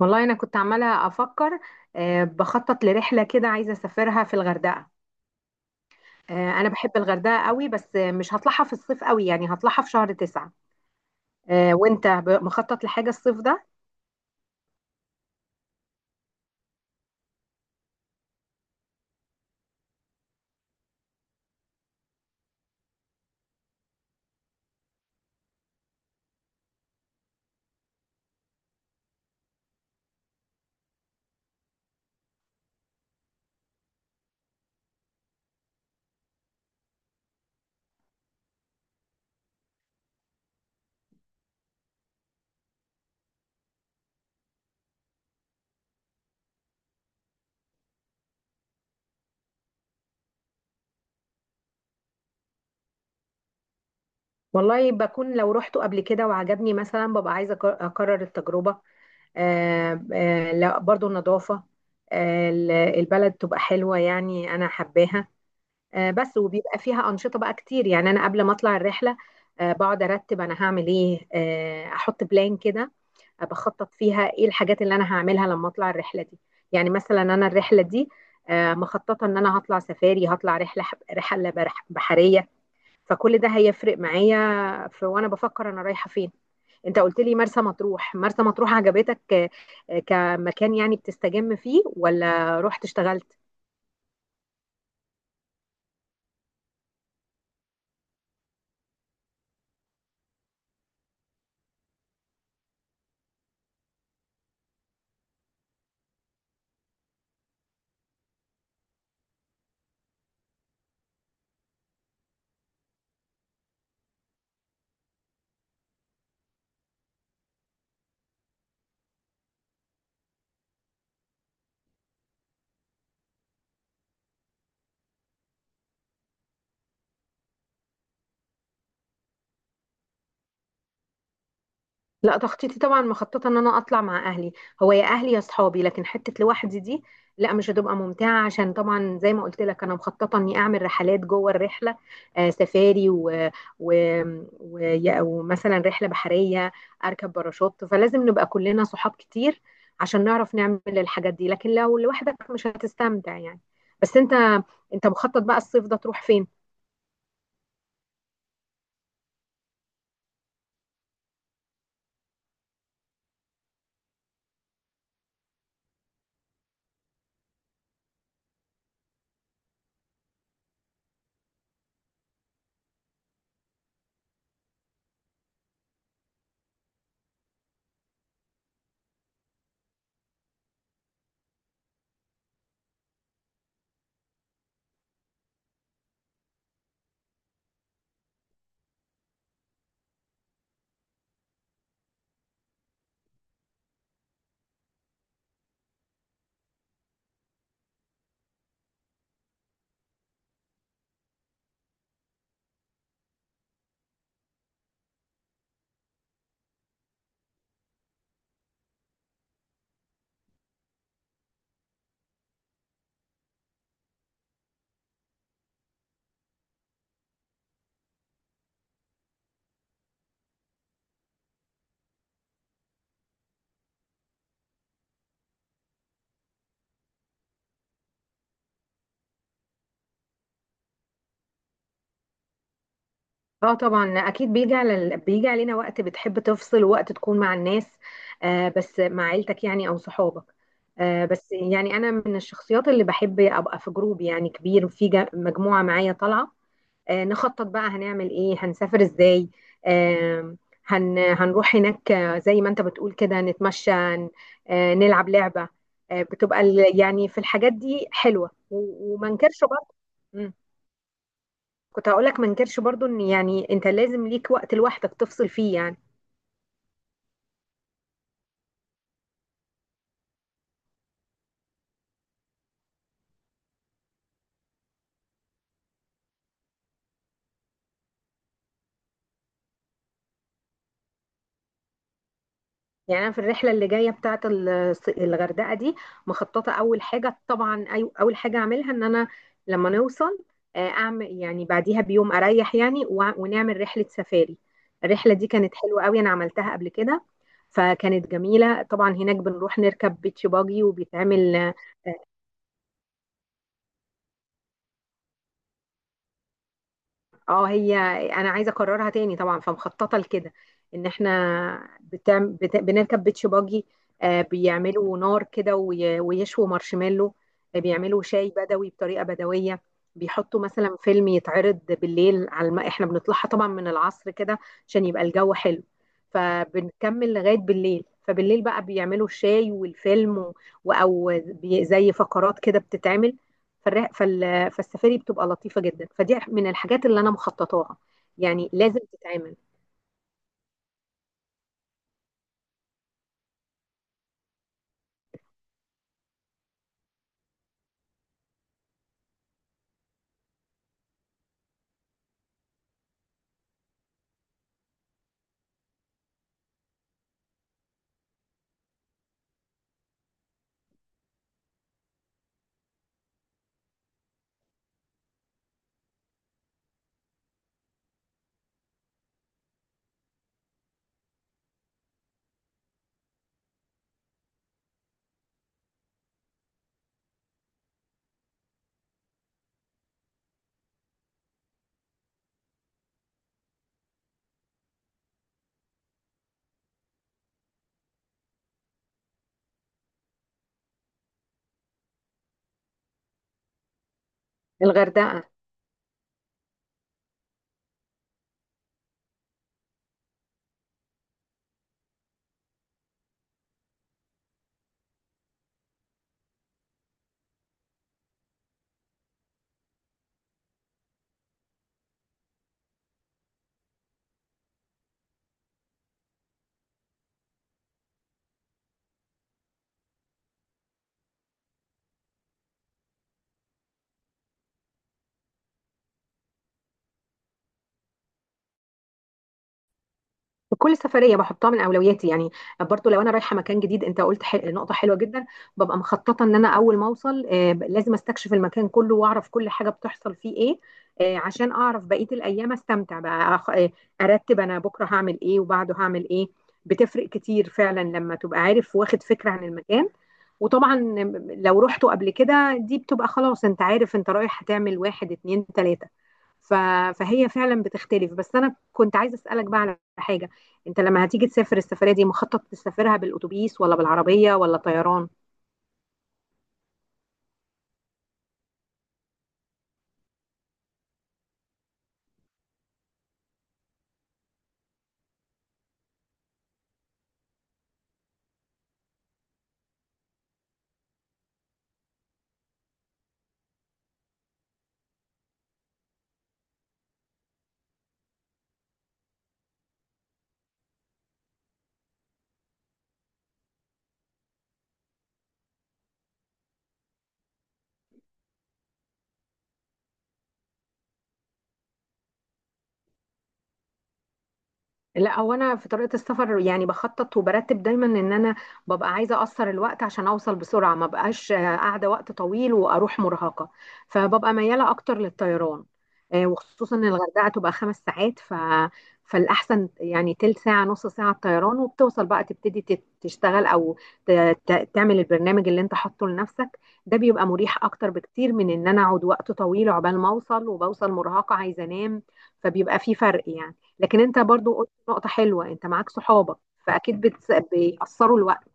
والله انا كنت عماله افكر، بخطط لرحله كده عايزه اسافرها في الغردقه. انا بحب الغردقه قوي، بس مش هطلعها في الصيف قوي، يعني هطلعها في شهر 9. وانت مخطط لحاجه الصيف ده؟ والله بكون لو روحته قبل كده وعجبني مثلا ببقى عايزه اكرر التجربه. لا، برضو النظافه. البلد تبقى حلوه، يعني انا حباها. بس وبيبقى فيها أنشطة بقى كتير، يعني أنا قبل ما أطلع الرحلة بقعد أرتب أنا هعمل إيه، أحط بلان كده. بخطط فيها إيه الحاجات اللي أنا هعملها لما أطلع الرحلة دي. يعني مثلا أنا الرحلة دي مخططة إن أنا هطلع سفاري، هطلع رحلة، رحلة بحرية. فكل ده هيفرق معايا في، وأنا بفكر أنا رايحة فين. انت قلت لي مرسى مطروح، مرسى مطروح عجبتك كمكان، يعني بتستجم فيه ولا رحت اشتغلت؟ لا، تخطيطي طبعا مخططه ان انا اطلع مع اهلي، هو يا اهلي يا اصحابي، لكن حته لوحدي دي لا، مش هتبقى ممتعه، عشان طبعا زي ما قلت لك انا مخططه اني اعمل رحلات جوه الرحله. سفاري و... و... ومثلا رحله بحريه، اركب باراشوت، فلازم نبقى كلنا صحاب كتير عشان نعرف نعمل الحاجات دي، لكن لو لوحدك مش هتستمتع يعني. بس انت مخطط بقى الصيف ده تروح فين؟ اه طبعا، اكيد بيجي علينا وقت بتحب تفصل، وقت تكون مع الناس، بس مع عيلتك يعني او صحابك. بس يعني انا من الشخصيات اللي بحب ابقى في جروب يعني كبير، مجموعة معايا طالعة، نخطط بقى هنعمل ايه، هنسافر ازاي. آه هنروح هناك، زي ما انت بتقول كده، نتمشى، نلعب لعبة. يعني في الحاجات دي حلوة، وما انكرش. برضه كنت هقولك، ما انكرش برضو ان يعني انت لازم ليك وقت لوحدك تفصل فيه يعني. يعني انا في الرحله اللي جايه بتاعه الغردقه دي، مخططه اول حاجه طبعا، اول حاجه اعملها ان انا لما نوصل، اعمل يعني بعديها بيوم اريح يعني، ونعمل رحله سفاري. الرحله دي كانت حلوه قوي، انا عملتها قبل كده فكانت جميله. طبعا هناك بنروح نركب بيتش باجي وبيتعمل. اه هي انا عايزه اكررها تاني طبعا، فمخططه لكده ان احنا بنركب بيتش باجي، بيعملوا نار كده ويشووا مارشميلو، بيعملوا شاي بدوي بطريقه بدويه، بيحطوا مثلا فيلم يتعرض بالليل احنا بنطلعها طبعا من العصر كده عشان يبقى الجو حلو، فبنكمل لغايه بالليل. فبالليل بقى بيعملوا الشاي والفيلم، او زي فقرات كده بتتعمل. فالر... فال... فالسفاري بتبقى لطيفة جدا، فدي من الحاجات اللي انا مخططاها، يعني لازم تتعمل. الغردقة. كل سفرية بحطها من أولوياتي يعني، برضو لو أنا رايحة مكان جديد. أنت قلت نقطة حلوة جدا. ببقى مخططة إن أنا أول ما أوصل، لازم أستكشف المكان كله وأعرف كل حاجة بتحصل فيه إيه، عشان أعرف بقية الأيام أستمتع بقى أخ... آه، أرتب أنا بكرة هعمل إيه وبعده هعمل إيه. بتفرق كتير فعلا لما تبقى عارف واخد فكرة عن المكان، وطبعا لو رحته قبل كده دي بتبقى خلاص، انت عارف انت رايح هتعمل 1 2 3. ف... فهي فعلا بتختلف، بس انا كنت عايزة اسألك بقى على حاجة. انت لما هتيجي تسافر السفريه دي مخطط تسافرها بالاتوبيس ولا بالعربيه ولا طيران؟ لا، هو انا في طريقه السفر يعني بخطط وبرتب دايما ان انا ببقى عايزه اقصر الوقت عشان اوصل بسرعه، ما بقاش قاعده وقت طويل واروح مرهقه، فببقى مياله اكتر للطيران، وخصوصا ان الغردقه تبقى 5 ساعات، ف فالاحسن يعني تلت ساعه نص ساعه الطيران، وبتوصل بقى تبتدي تشتغل، او ت... تعمل البرنامج اللي انت حاطه لنفسك. ده بيبقى مريح اكتر بكتير من ان انا اقعد وقت طويل عقبال ما اوصل، وبوصل مرهقه عايزه انام، فبيبقى في فرق يعني. لكن انت برضو نقطة حلوة، انت معاك صحابك فاكيد بيقصروا الوقت.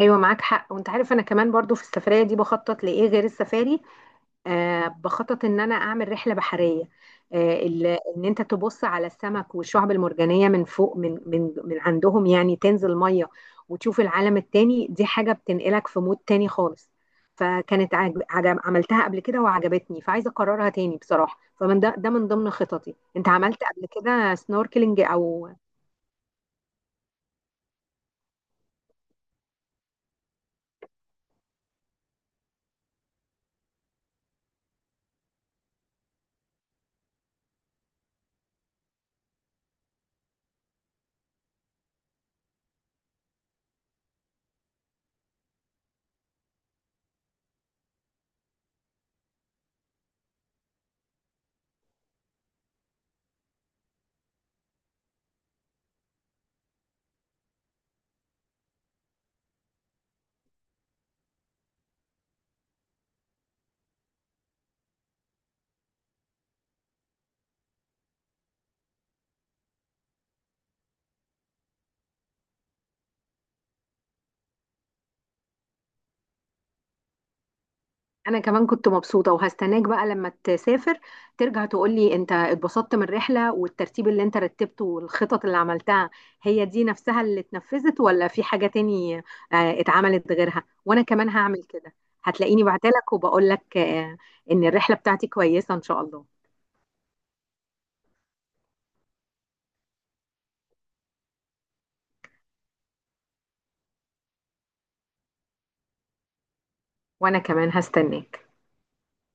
ايوه، معاك حق. وانت عارف انا كمان برضو في السفرية دي بخطط لايه غير السفاري؟ بخطط ان انا اعمل رحلة بحرية، ان انت تبص على السمك والشعب المرجانية من فوق، من عندهم، يعني تنزل مية وتشوف العالم التاني. دي حاجة بتنقلك في مود تاني خالص. عملتها قبل كده وعجبتني، فعايزة اكررها تاني بصراحة، فمن ده من ضمن خططي. انت عملت قبل كده سنوركلينج او؟ انا كمان كنت مبسوطه، وهستناك بقى لما تسافر ترجع تقولي انت اتبسطت من الرحله والترتيب اللي انت رتبته والخطط اللي عملتها، هي دي نفسها اللي اتنفذت ولا في حاجه تاني اتعملت غيرها، وانا كمان هعمل كده. هتلاقيني بعتلك وبقولك ان الرحله بتاعتي كويسه ان شاء الله. وانا كمان هستناك.